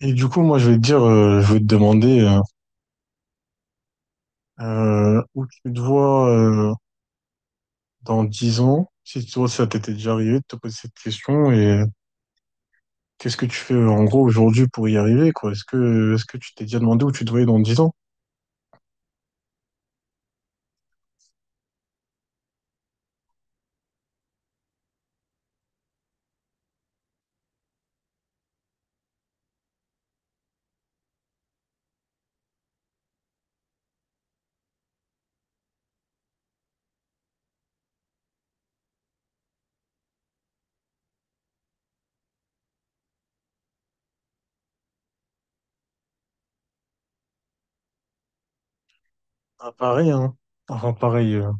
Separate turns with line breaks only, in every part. Et du coup, moi, je vais te dire, je vais te demander où tu te vois dans 10 ans, si tu vois ça t'était déjà arrivé de te poser cette question, et qu'est-ce que tu fais en gros aujourd'hui pour y arriver, quoi? Est-ce que tu t'es déjà demandé où tu te voyais dans dix ans? Ah, pareil, hein. Enfin, pareil,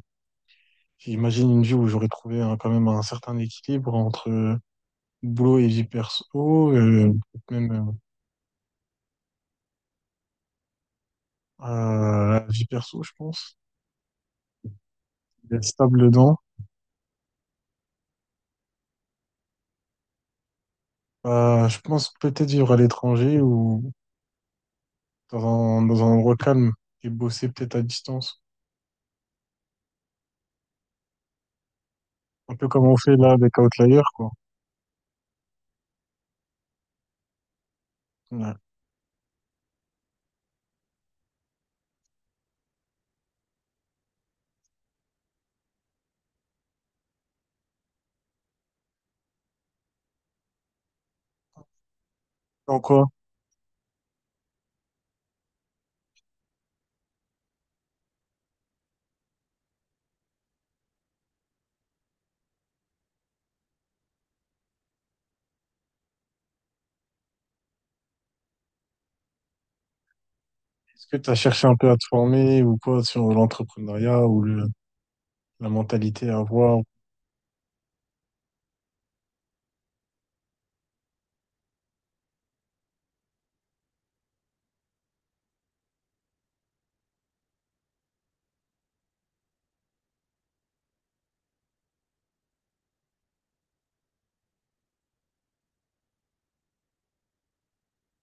j'imagine une vie où j'aurais trouvé hein, quand même un certain équilibre entre boulot et vie perso, peut-être même la vie perso, je pense. D'être stable dedans. Bah, je pense peut-être vivre à l'étranger ou dans dans un endroit calme et bosser peut-être à distance. Un peu comme on fait là avec Outlier, quoi. Ouais. En quoi? Est-ce que tu as cherché un peu à te former ou quoi sur l'entrepreneuriat ou la mentalité à avoir?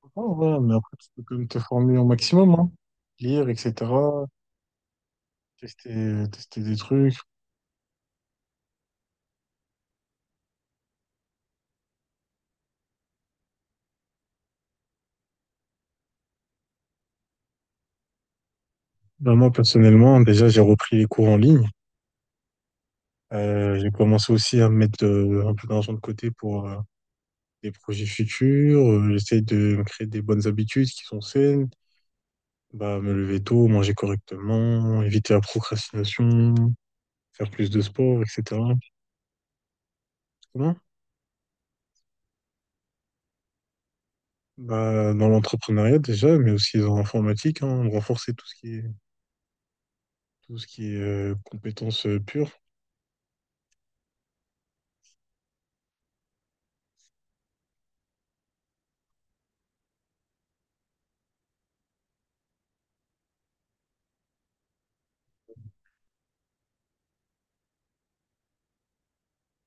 Oh, ouais, ouais, mais après, tu peux quand même te former au maximum, hein. Lire, etc. Tester des trucs. Bah, moi, personnellement, déjà, j'ai repris les cours en ligne. J'ai commencé aussi à mettre un peu d'argent de côté pour, des projets futurs, j'essaie de me créer des bonnes habitudes qui sont saines, bah, me lever tôt, manger correctement, éviter la procrastination, faire plus de sport, etc. Comment Bah, dans l'entrepreneuriat déjà, mais aussi dans l'informatique, hein, renforcer tout ce qui est compétences pures.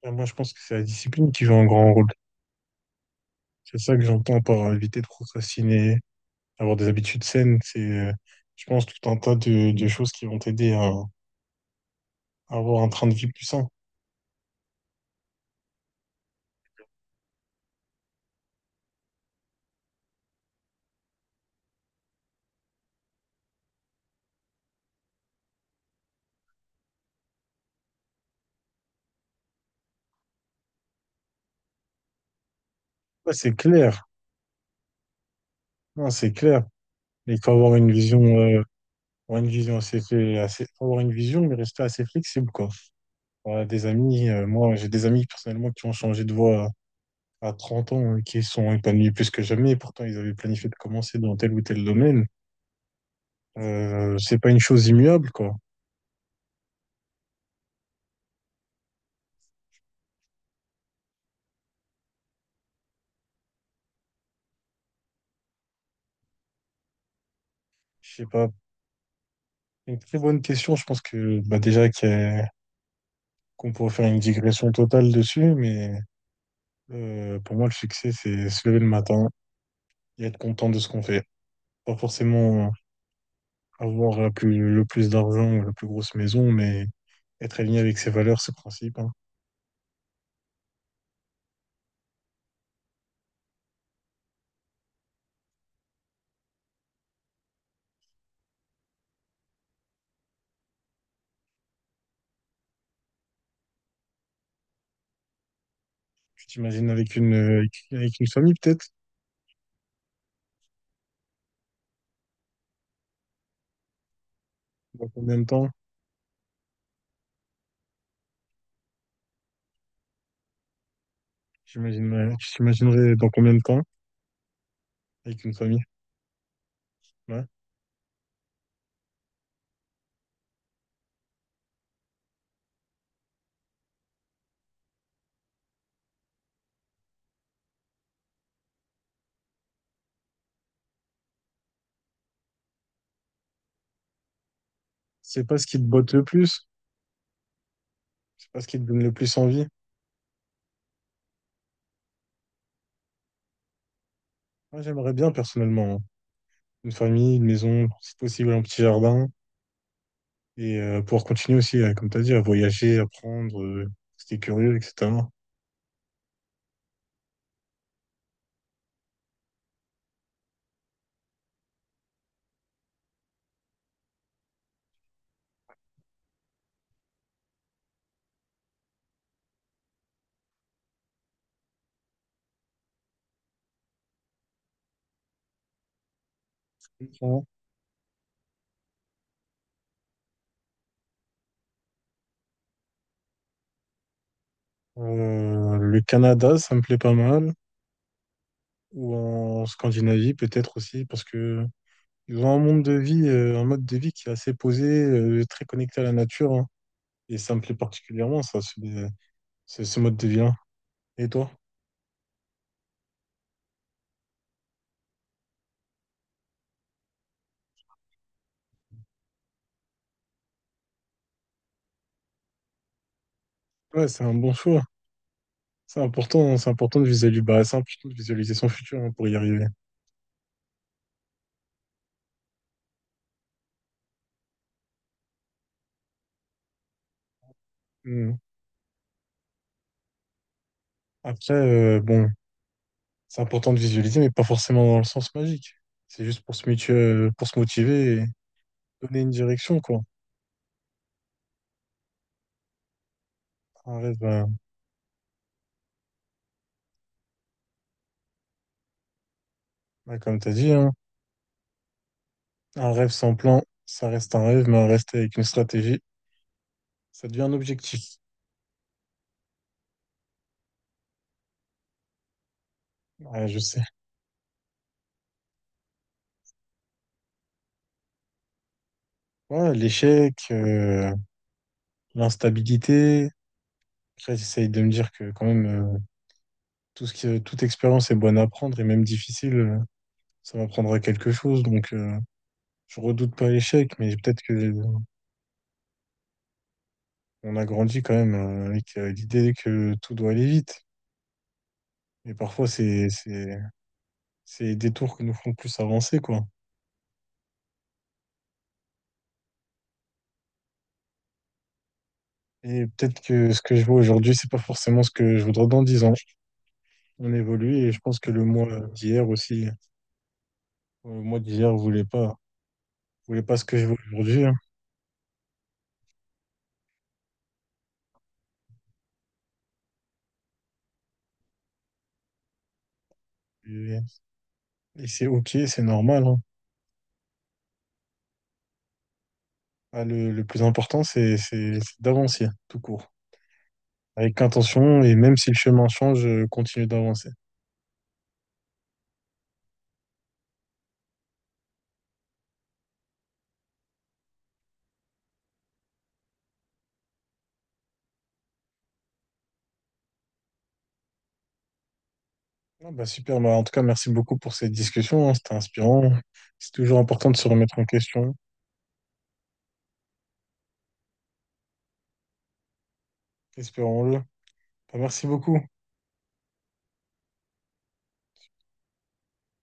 Ah, moi, je pense que c'est la discipline qui joue un grand rôle. C'est ça que j'entends par éviter de procrastiner, avoir des habitudes saines. C'est, euh, je pense, tout un tas de choses qui vont t'aider à avoir un train de vie plus sain. Ouais, c'est clair. Non, c'est clair. Il faut avoir une vision assez, assez, faut avoir une vision, mais rester assez flexible, quoi. Voilà, des amis, moi, j'ai des amis personnellement qui ont changé de voie à 30 ans, et qui sont épanouis plus que jamais. Pourtant, ils avaient planifié de commencer dans tel ou tel domaine. C'est pas une chose immuable, quoi. Je sais pas. Une très bonne question. Je pense que, bah, déjà, qu'on pourrait faire une digression totale dessus, mais pour moi, le succès, c'est se lever le matin et être content de ce qu'on fait. Pas forcément avoir le plus d'argent, ou la plus grosse maison, mais être aligné avec ses valeurs, ses principes, hein. Tu t'imagines avec une famille, peut-être? Dans combien de temps? J'imagine, tu t'imaginerais dans combien de temps avec une famille? Ouais. C'est pas ce qui te botte le plus, c'est pas ce qui te donne le plus envie. Moi, j'aimerais bien, personnellement, hein, une famille, une maison, si possible, un petit jardin, et pouvoir continuer aussi, comme tu as dit, à voyager, apprendre, rester curieux, etc. Le Canada, ça me plaît pas mal, ou en Scandinavie peut-être aussi, parce que ils ont un monde de vie, un mode de vie qui est assez posé, très connecté à la nature, hein. Et ça me plaît particulièrement, ça, ce mode de vie-là. Et toi? Ouais, c'est un bon choix. C'est important, hein, c'est important de visualiser, bah, c'est important de visualiser son futur, hein, pour y arriver. Hmm. Après, bon, c'est important de visualiser, mais pas forcément dans le sens magique. C'est juste pour pour se motiver et donner une direction, quoi. Bah, ouais, comme tu as dit, hein, un rêve sans plan, ça reste un rêve, mais un rêve avec une stratégie, ça devient un objectif. Ouais, je sais. Ouais, l'échec, l'instabilité. Après, j'essaye de me dire que quand même, euh, toute expérience est bonne à prendre et même difficile, ça m'apprendra quelque chose. Donc, je redoute pas l'échec, mais peut-être que on a grandi quand même avec l'idée que tout doit aller vite. Et parfois, c'est les détours qui nous font plus avancer, quoi. Et peut-être que ce que je vois aujourd'hui, c'est pas forcément ce que je voudrais dans 10 ans. On évolue et je pense que le mois d'hier aussi, le mois d'hier voulait pas ce que je veux aujourd'hui, hein. Et, et c'est ok, c'est normal, hein. Ah, le plus important, c'est d'avancer, tout court. Avec intention et même si le chemin change, continue d'avancer. Non, bah super, bah en tout cas, merci beaucoup pour cette discussion, hein. C'était inspirant. C'est toujours important de se remettre en question. Espérons-le. Bah, merci beaucoup.